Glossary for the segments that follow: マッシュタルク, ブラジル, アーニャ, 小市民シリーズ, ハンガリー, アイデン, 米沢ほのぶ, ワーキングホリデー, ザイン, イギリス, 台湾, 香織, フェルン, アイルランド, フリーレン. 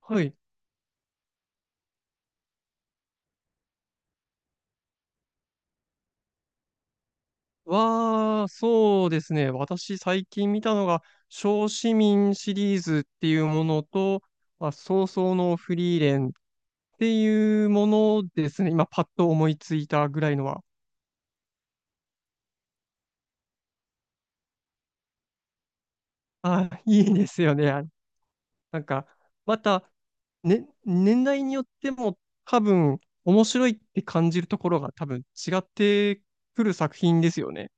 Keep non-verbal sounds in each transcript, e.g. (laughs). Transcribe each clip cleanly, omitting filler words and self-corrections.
はい。そうですね。私、最近見たのが、小市民シリーズっていうものと、まあ、早々のフリーレンっていうものですね。今、パッと思いついたぐらいのは。あ、(laughs) いいですよね。あ、なんか、また、ね、年代によっても、多分、面白いって感じるところが多分違ってくる作品ですよね。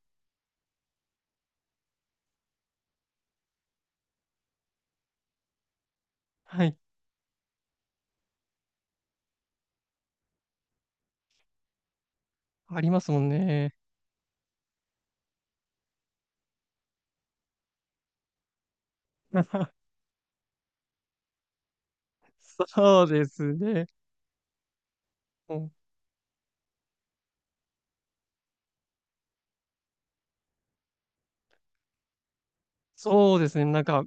はい。ありますもんね。(laughs) そうですね。そうですね。なんか、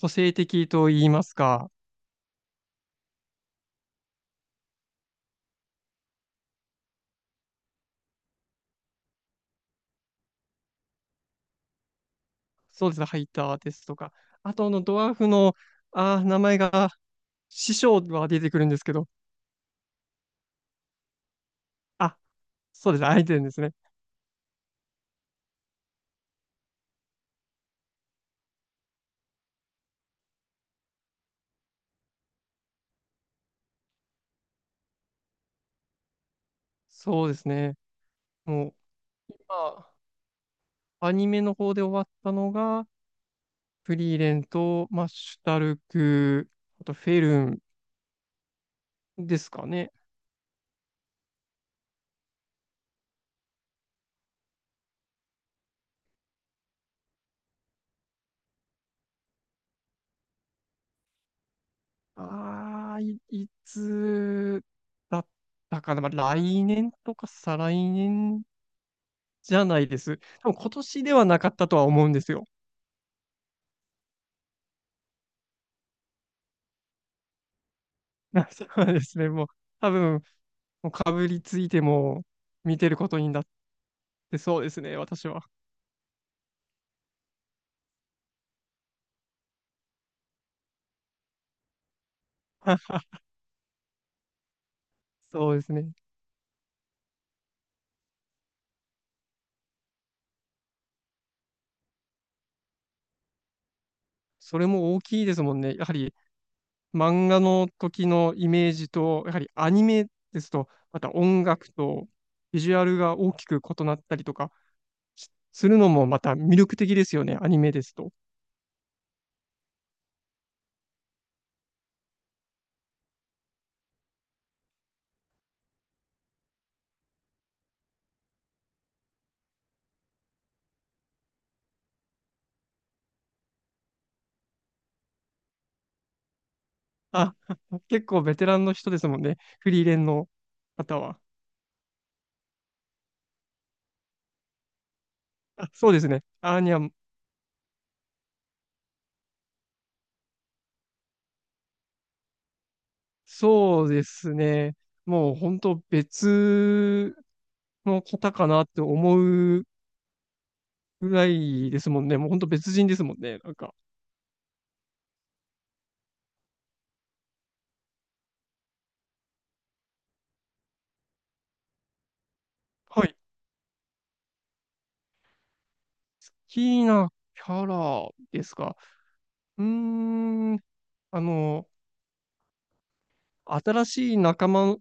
個性的と言いますか。そうですね。ハイターですとか。あと、あの、ドワーフの、あー、名前が、師匠は出てくるんですけど。あ、そうです。アイデンですね。そうですね。もう、今、アニメの方で終わったのが、フリーレンと、マッシュタルク、あと、フェルンですかね。あ、いつだったかな。まあ、来年とか再来年じゃないです。多分今年ではなかったとは思うんですよ。(laughs) そうですね。多分、もうかぶりついても見てることになってそうですね、私は。(laughs) そうですね。それも大きいですもんね。やはり漫画の時のイメージと、やはりアニメですと、また音楽とビジュアルが大きく異なったりとかするのもまた魅力的ですよね、アニメですと。あ、(laughs) 結構ベテランの人ですもんね。フリーレンの方は。あ、そうですね。アーニャ、そうですね。もう本当別の方かなって思うぐらいですもんね。もう本当別人ですもんね。なんか。はい。好きなキャラですか。うーん。あの、新しい仲間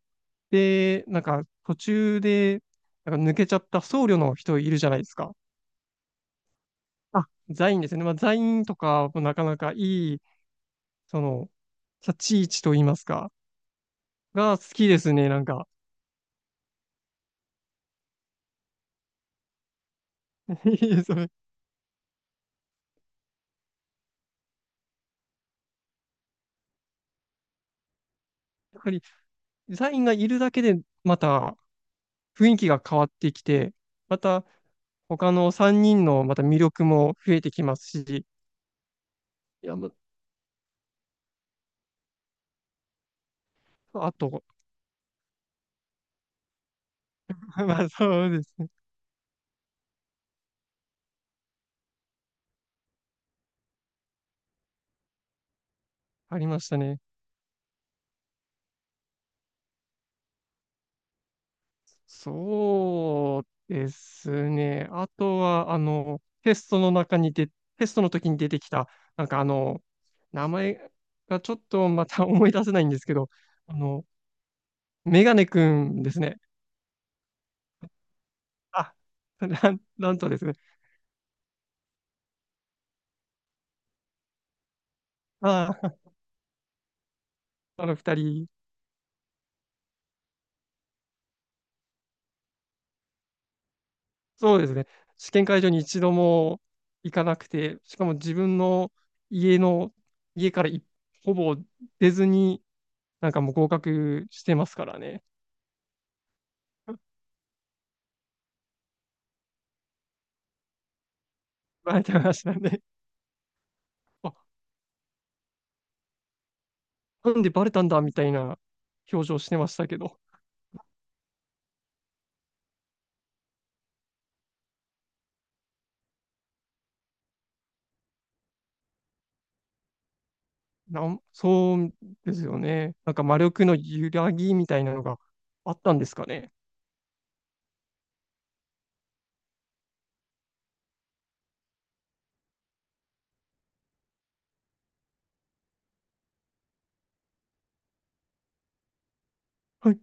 で、なんか途中で、なんか抜けちゃった僧侶の人いるじゃないですか。あ、ザインですね。まあ、ザインとかもなかなかいい、その、立ち位置といいますか、が好きですね、なんか。(laughs) いいですね。やっぱり、ザインがいるだけで、また雰囲気が変わってきて、また、他の3人のまた魅力も増えてきますし、いや、まあと、(laughs) まあそうですね。ありましたね。そうですね。あとは、あの、テストの時に出てきた、なんかあの、名前がちょっとまた (laughs) 思い出せないんですけど、あの、メガネくんですね。あ、なんなんとですね。ああ、あの二人、そうですね。試験会場に一度も行かなくて、しかも自分の家の、家からほぼ出ずに、なんかもう合格してますからね。(laughs) バレてましたね。(laughs) あ、なんでバレたんだみたいな表情してましたけど、そうですよね。なんか魔力の揺らぎみたいなのがあったんですかね。はい。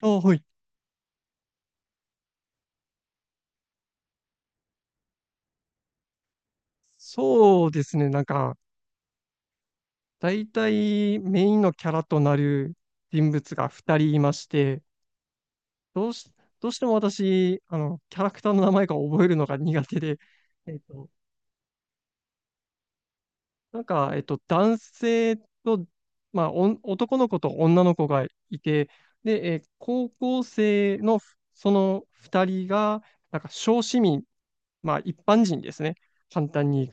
ああ、はい。そうですね。なんか、大体メインのキャラとなる人物が2人いまして、どうし、どうしても私、あの、キャラクターの名前が覚えるのが苦手で、えっと、えっと、男性と、まあ、おん男の子と女の子がいて、で、えー高校生のその2人が、なんか、小市民、まあ、一般人ですね。簡単に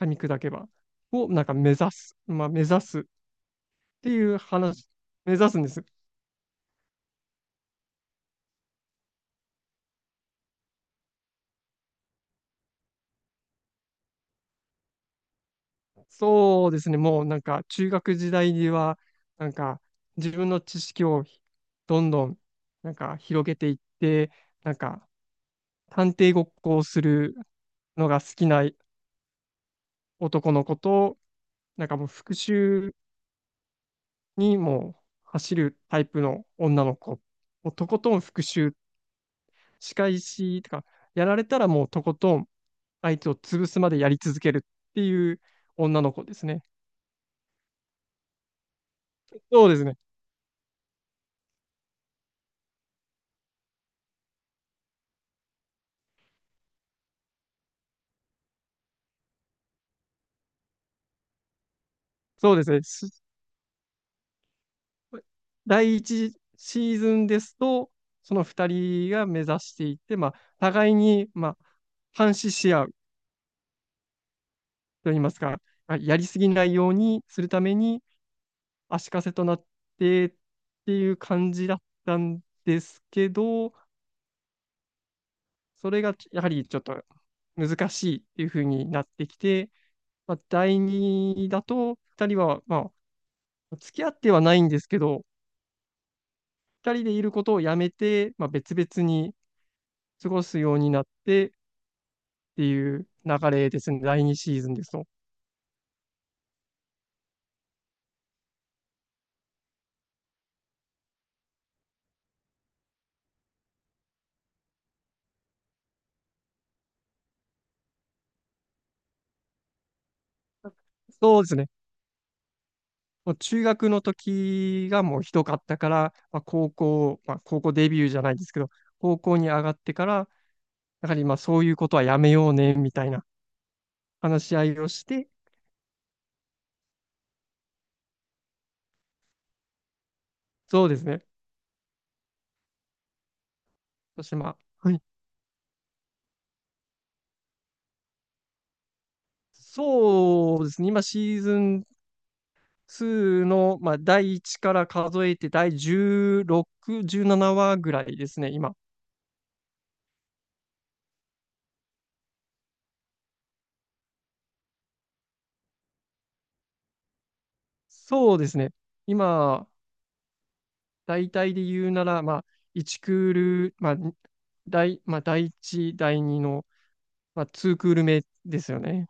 噛み砕けば。を、なんか、目指す。まあ、目指すっていう話、目指すんです。そうですね。もう、なんか、中学時代には、なんか、自分の知識をどんどん、なんか、広げていって、なんか、探偵ごっこをするのが好きな男の子と、なんかもう復讐にもう走るタイプの女の子。もうとことん復讐、仕返しとか、やられたらもうとことん相手を潰すまでやり続けるっていう女の子ですね。そうですね。そうですね。す第一シーズンですと、その二人が目指していて、まあ、互いに、まあ、監視し合うといいますか、あやりすぎないようにするために、足かせとなってていう感じだったんですけど、それがやはりちょっと難しいっていう風になってきて、まあ、第二だと、二人は、まあ、付き合ってはないんですけど、二人でいることをやめて、まあ、別々に過ごすようになってっていう流れですね、第二シーズンですと。そうですね。もう中学の時がもうひどかったから、まあ、高校デビューじゃないですけど、高校に上がってから、だから今そういうことはやめようね、みたいな話し合いをして、そうですね。そしてまあ、はい。そうですね。今シーズン2の、まあ、第1から数えて第16、17話ぐらいですね、今。そうですね。今、大体で言うなら、まあ、1クール、まあ、第1、第2の、まあ、2クール目ですよね。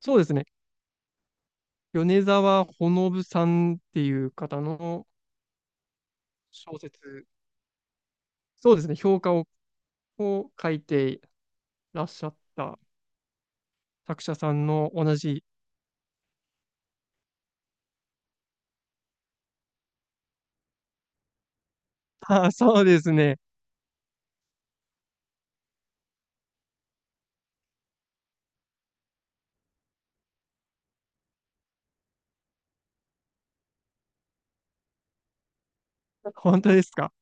そうですね。米沢ほのぶさんっていう方の小説そうですね、評価をこう書いてらっしゃった作者さんの同じあ (laughs) あ、そうですね。ほんとですか。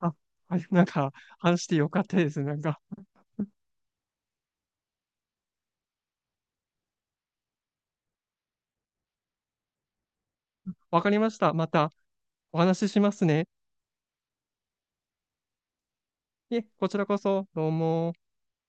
あ、はい、なんか話してよかったです。なんか、わかりました。またお話ししますね。いえ、こちらこそ、どうも。